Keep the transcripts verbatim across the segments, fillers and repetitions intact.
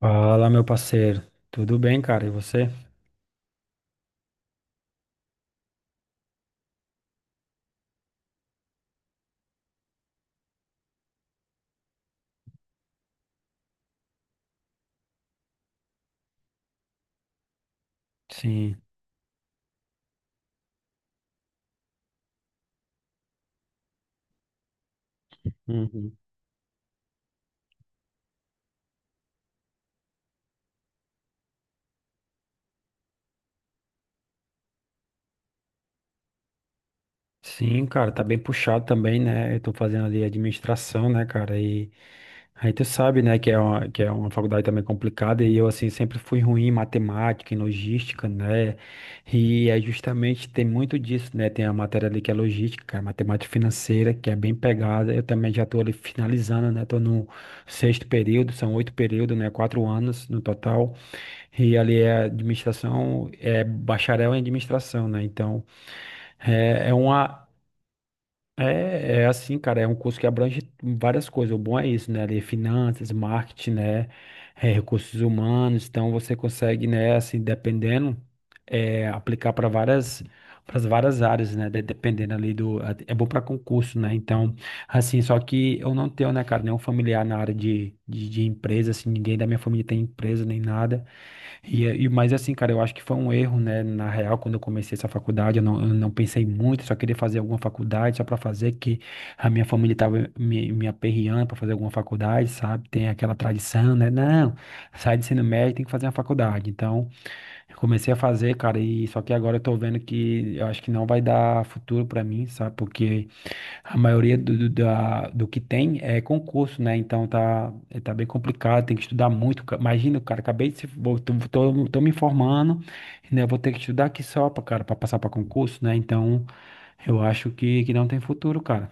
Fala, meu parceiro. Tudo bem, cara? E você? Sim. Uhum. Sim, cara, tá bem puxado também, né? Eu tô fazendo ali administração, né, cara? E aí tu sabe, né, que é uma, que é uma faculdade também complicada e eu, assim, sempre fui ruim em matemática, em logística, né? E é justamente, tem muito disso, né? Tem a matéria ali que é logística, cara, matemática financeira, que é bem pegada. Eu também já tô ali finalizando, né? Tô no sexto período, são oito períodos, né? Quatro anos no total. E ali é administração, é bacharel em administração, né? Então, é, é uma. É, é assim, cara, é um curso que abrange várias coisas. O bom é isso, né? Ali, é finanças, marketing, né? É, recursos humanos. Então, você consegue, né, assim, dependendo, é, aplicar para várias. Para várias áreas, né? de- Dependendo ali do. É bom para concurso, né? Então, assim, só que eu não tenho, né, cara, nenhum familiar na área de, de, de empresa, assim, ninguém da minha família tem empresa nem nada. E, é- e, mas assim, cara, eu acho que foi um erro, né? Na real, quando eu comecei essa faculdade, eu não, eu não pensei muito, só queria fazer alguma faculdade, só pra fazer, que a minha família tava me, me aperreando pra fazer alguma faculdade, sabe? Tem aquela tradição, né? Não, sai do ensino médio, tem que fazer uma faculdade. Então, eu comecei a fazer, cara, e só que agora eu tô vendo que eu acho que não vai dar futuro pra mim, sabe? Porque a maioria do, do, da- do que tem é concurso, né? Então tá, tá bem complicado, tem que estudar muito. Ca- Imagina, cara, acabei de se. vou- Tô, tô, tô me informando, né? Vou ter que estudar aqui só pra, cara, pra passar pra concurso, né? Então eu acho que, que não tem futuro, cara.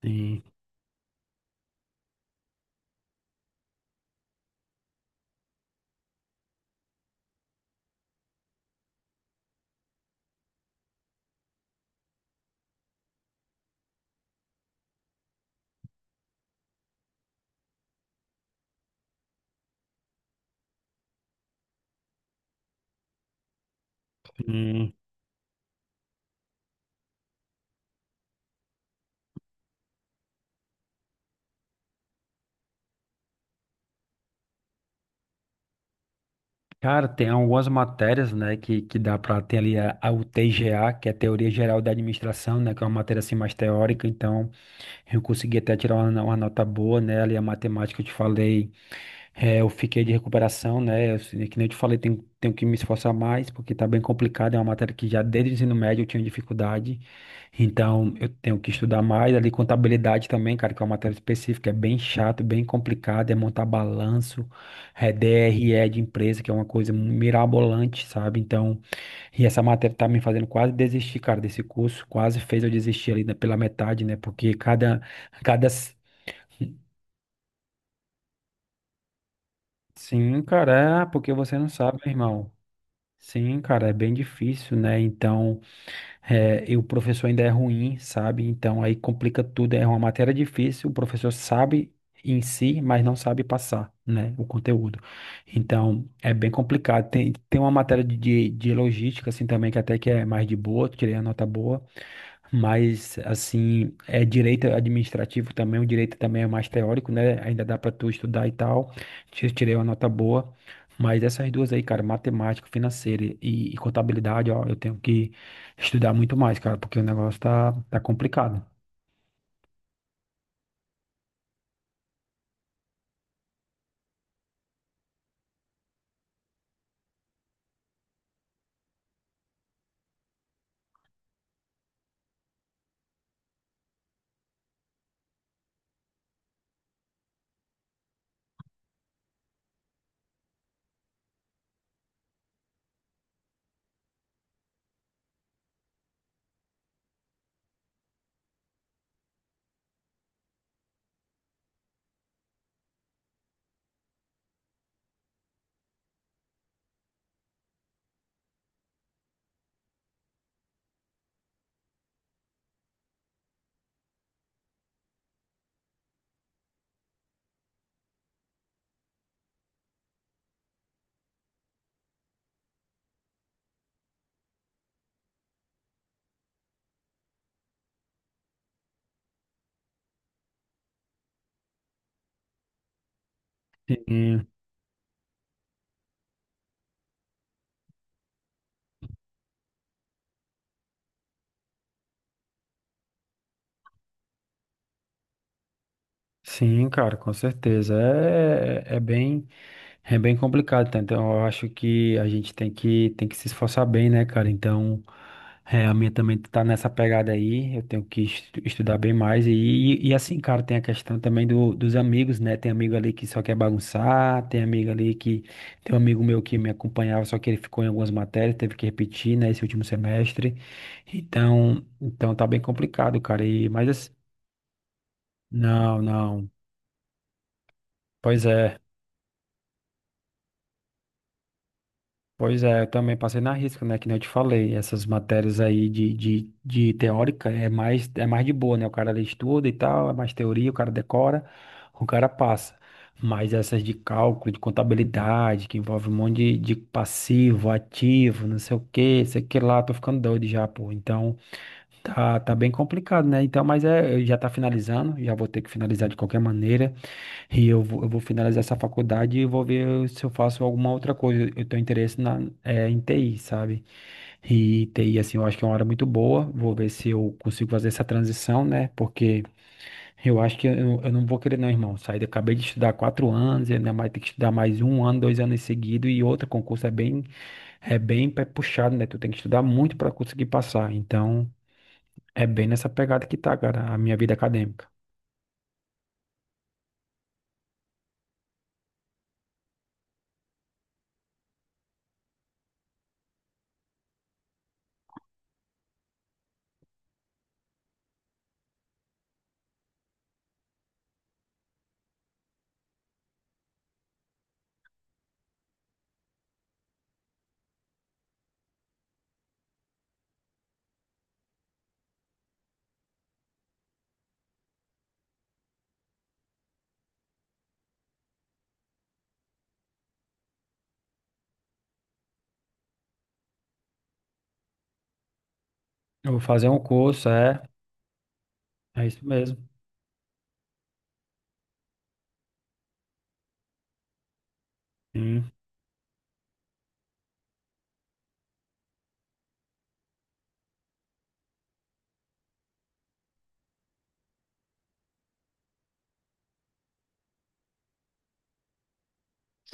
Tem, tem- cara, tem algumas matérias, né? Que, que dá para ter ali a, a U T G A, que é a Teoria Geral da Administração, né? Que é uma matéria assim mais teórica, então eu consegui até tirar uma, uma nota boa, né? Ali a matemática eu te falei. É, eu fiquei de recuperação, né? Eu, assim, que nem eu te falei, tenho, tenho que me esforçar mais, porque tá bem complicado. É uma matéria que já desde o ensino médio eu tinha dificuldade. Então, eu tenho que estudar mais. Ali, contabilidade também, cara, que é uma matéria específica, é bem chato, bem complicado. É montar balanço, é D R E de empresa, que é uma coisa mirabolante, sabe? Então, e essa matéria tá me fazendo quase desistir, cara, desse curso. Quase fez eu desistir ali, né, pela metade, né? Porque cada, cada Sim, cara, é porque você não sabe, meu irmão. Sim, cara, é bem difícil, né? Então, é, e o professor ainda é ruim, sabe? Então, aí complica tudo. É uma matéria difícil, o professor sabe em si, mas não sabe passar, né? O conteúdo. Então, é bem complicado. Tem, tem uma matéria de, de, de logística, assim, também, que até que é mais de boa, tirei a nota boa. Mas, assim, é direito administrativo também, o direito também é mais teórico, né? Ainda dá para tu estudar e tal. Ti- Tirei uma nota boa. Mas essas duas aí, cara, matemática, financeira e, e contabilidade, ó, eu tenho que estudar muito mais, cara, porque o negócio tá, tá complicado. Sim, sim, cara, com certeza. É, é bem. É bem complicado, tá? Então eu acho que a gente tem que, tem que se esforçar bem, né, cara? Então, é, a minha também tá nessa pegada aí, eu tenho que estu- estudar bem mais. E, e, e assim, cara, tem a questão também do, dos amigos, né? Tem amigo ali que só quer bagunçar, tem amigo ali que. Tem um amigo meu que me acompanhava, só que ele ficou em algumas matérias, teve que repetir, né, esse último semestre. Então, então tá bem complicado, cara. E, mas assim, não, não. Pois é. Pois é, eu também passei na risca, né? Que nem eu te falei, essas matérias aí de, de, de teórica é mais, é mais de boa, né? O cara ali estuda e tal, é mais teoria, o cara decora, o cara passa. Mas essas de cálculo, de contabilidade, que envolve um monte de, de passivo, ativo, não sei o quê, sei que lá, tô ficando doido já, pô. Então, tá, tá bem complicado, né? Então, mas é, já tá finalizando, já vou ter que finalizar de qualquer maneira. E eu vou, eu vou finalizar essa faculdade e vou ver se eu faço alguma outra coisa. Eu tenho interesse na, eh, em T I, sabe? E T I, assim, eu acho que é uma área muito boa. Vou ver se eu consigo fazer essa transição, né? Porque eu acho que eu, eu não vou querer, não, irmão. Sair, eu acabei de estudar quatro anos, e ainda mais ter que estudar mais um ano, dois anos em seguida. E outro concurso é bem, é bem pe- puxado, né? Tu tem que estudar muito para conseguir passar. Então, é bem nessa pegada que tá, cara, a minha vida acadêmica. Eu vou fazer um curso, é, é isso mesmo. Sim.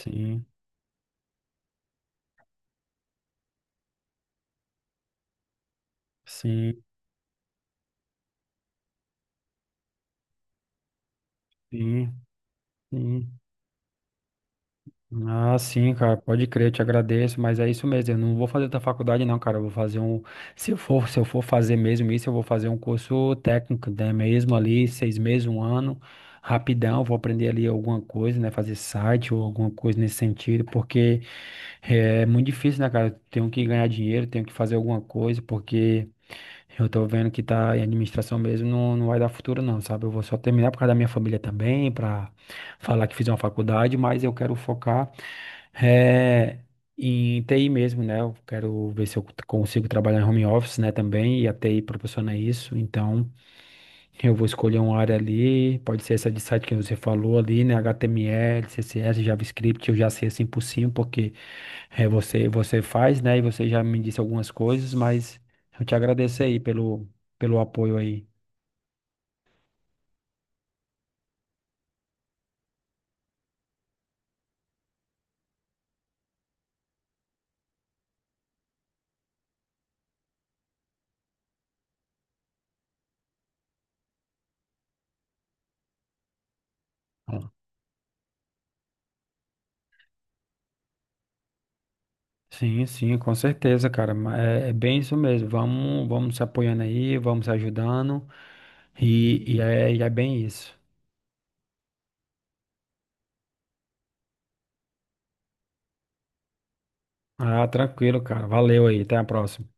Sim. Sim, sim, sim. Ah, sim, cara, pode crer, eu te agradeço, mas é isso mesmo, eu não vou fazer da faculdade não, cara, eu vou fazer um, se eu for, se eu for fazer mesmo isso, eu vou fazer um curso técnico, né, mesmo ali, seis meses, um ano, rapidão, vou aprender ali alguma coisa, né, fazer site ou alguma coisa nesse sentido, porque é muito difícil, né, cara, eu tenho que ganhar dinheiro, tenho que fazer alguma coisa, porque eu tô vendo que tá em administração mesmo, não, não vai dar futuro não, sabe? Eu vou só terminar por causa da minha família também, pra falar que fiz uma faculdade, mas eu quero focar eh, em T I mesmo, né? Eu quero ver se eu consigo trabalhar em home office, né, também, e a T I proporciona isso, então eu vou escolher uma área ali, pode ser essa de site que você falou ali, né? H T M L, C S S, JavaScript, eu já sei assim por cima, porque é, você, você faz, né? E você já me disse algumas coisas, mas eu te agradeço aí pelo, pelo apoio aí. Ah, sim, sim, com certeza, cara. Ma- É, é bem isso mesmo. Vamos, vamos se apoiando aí, vamos se ajudando, e, e é, e é bem isso. Ah, tranquilo, cara. Valeu aí, até a próxima.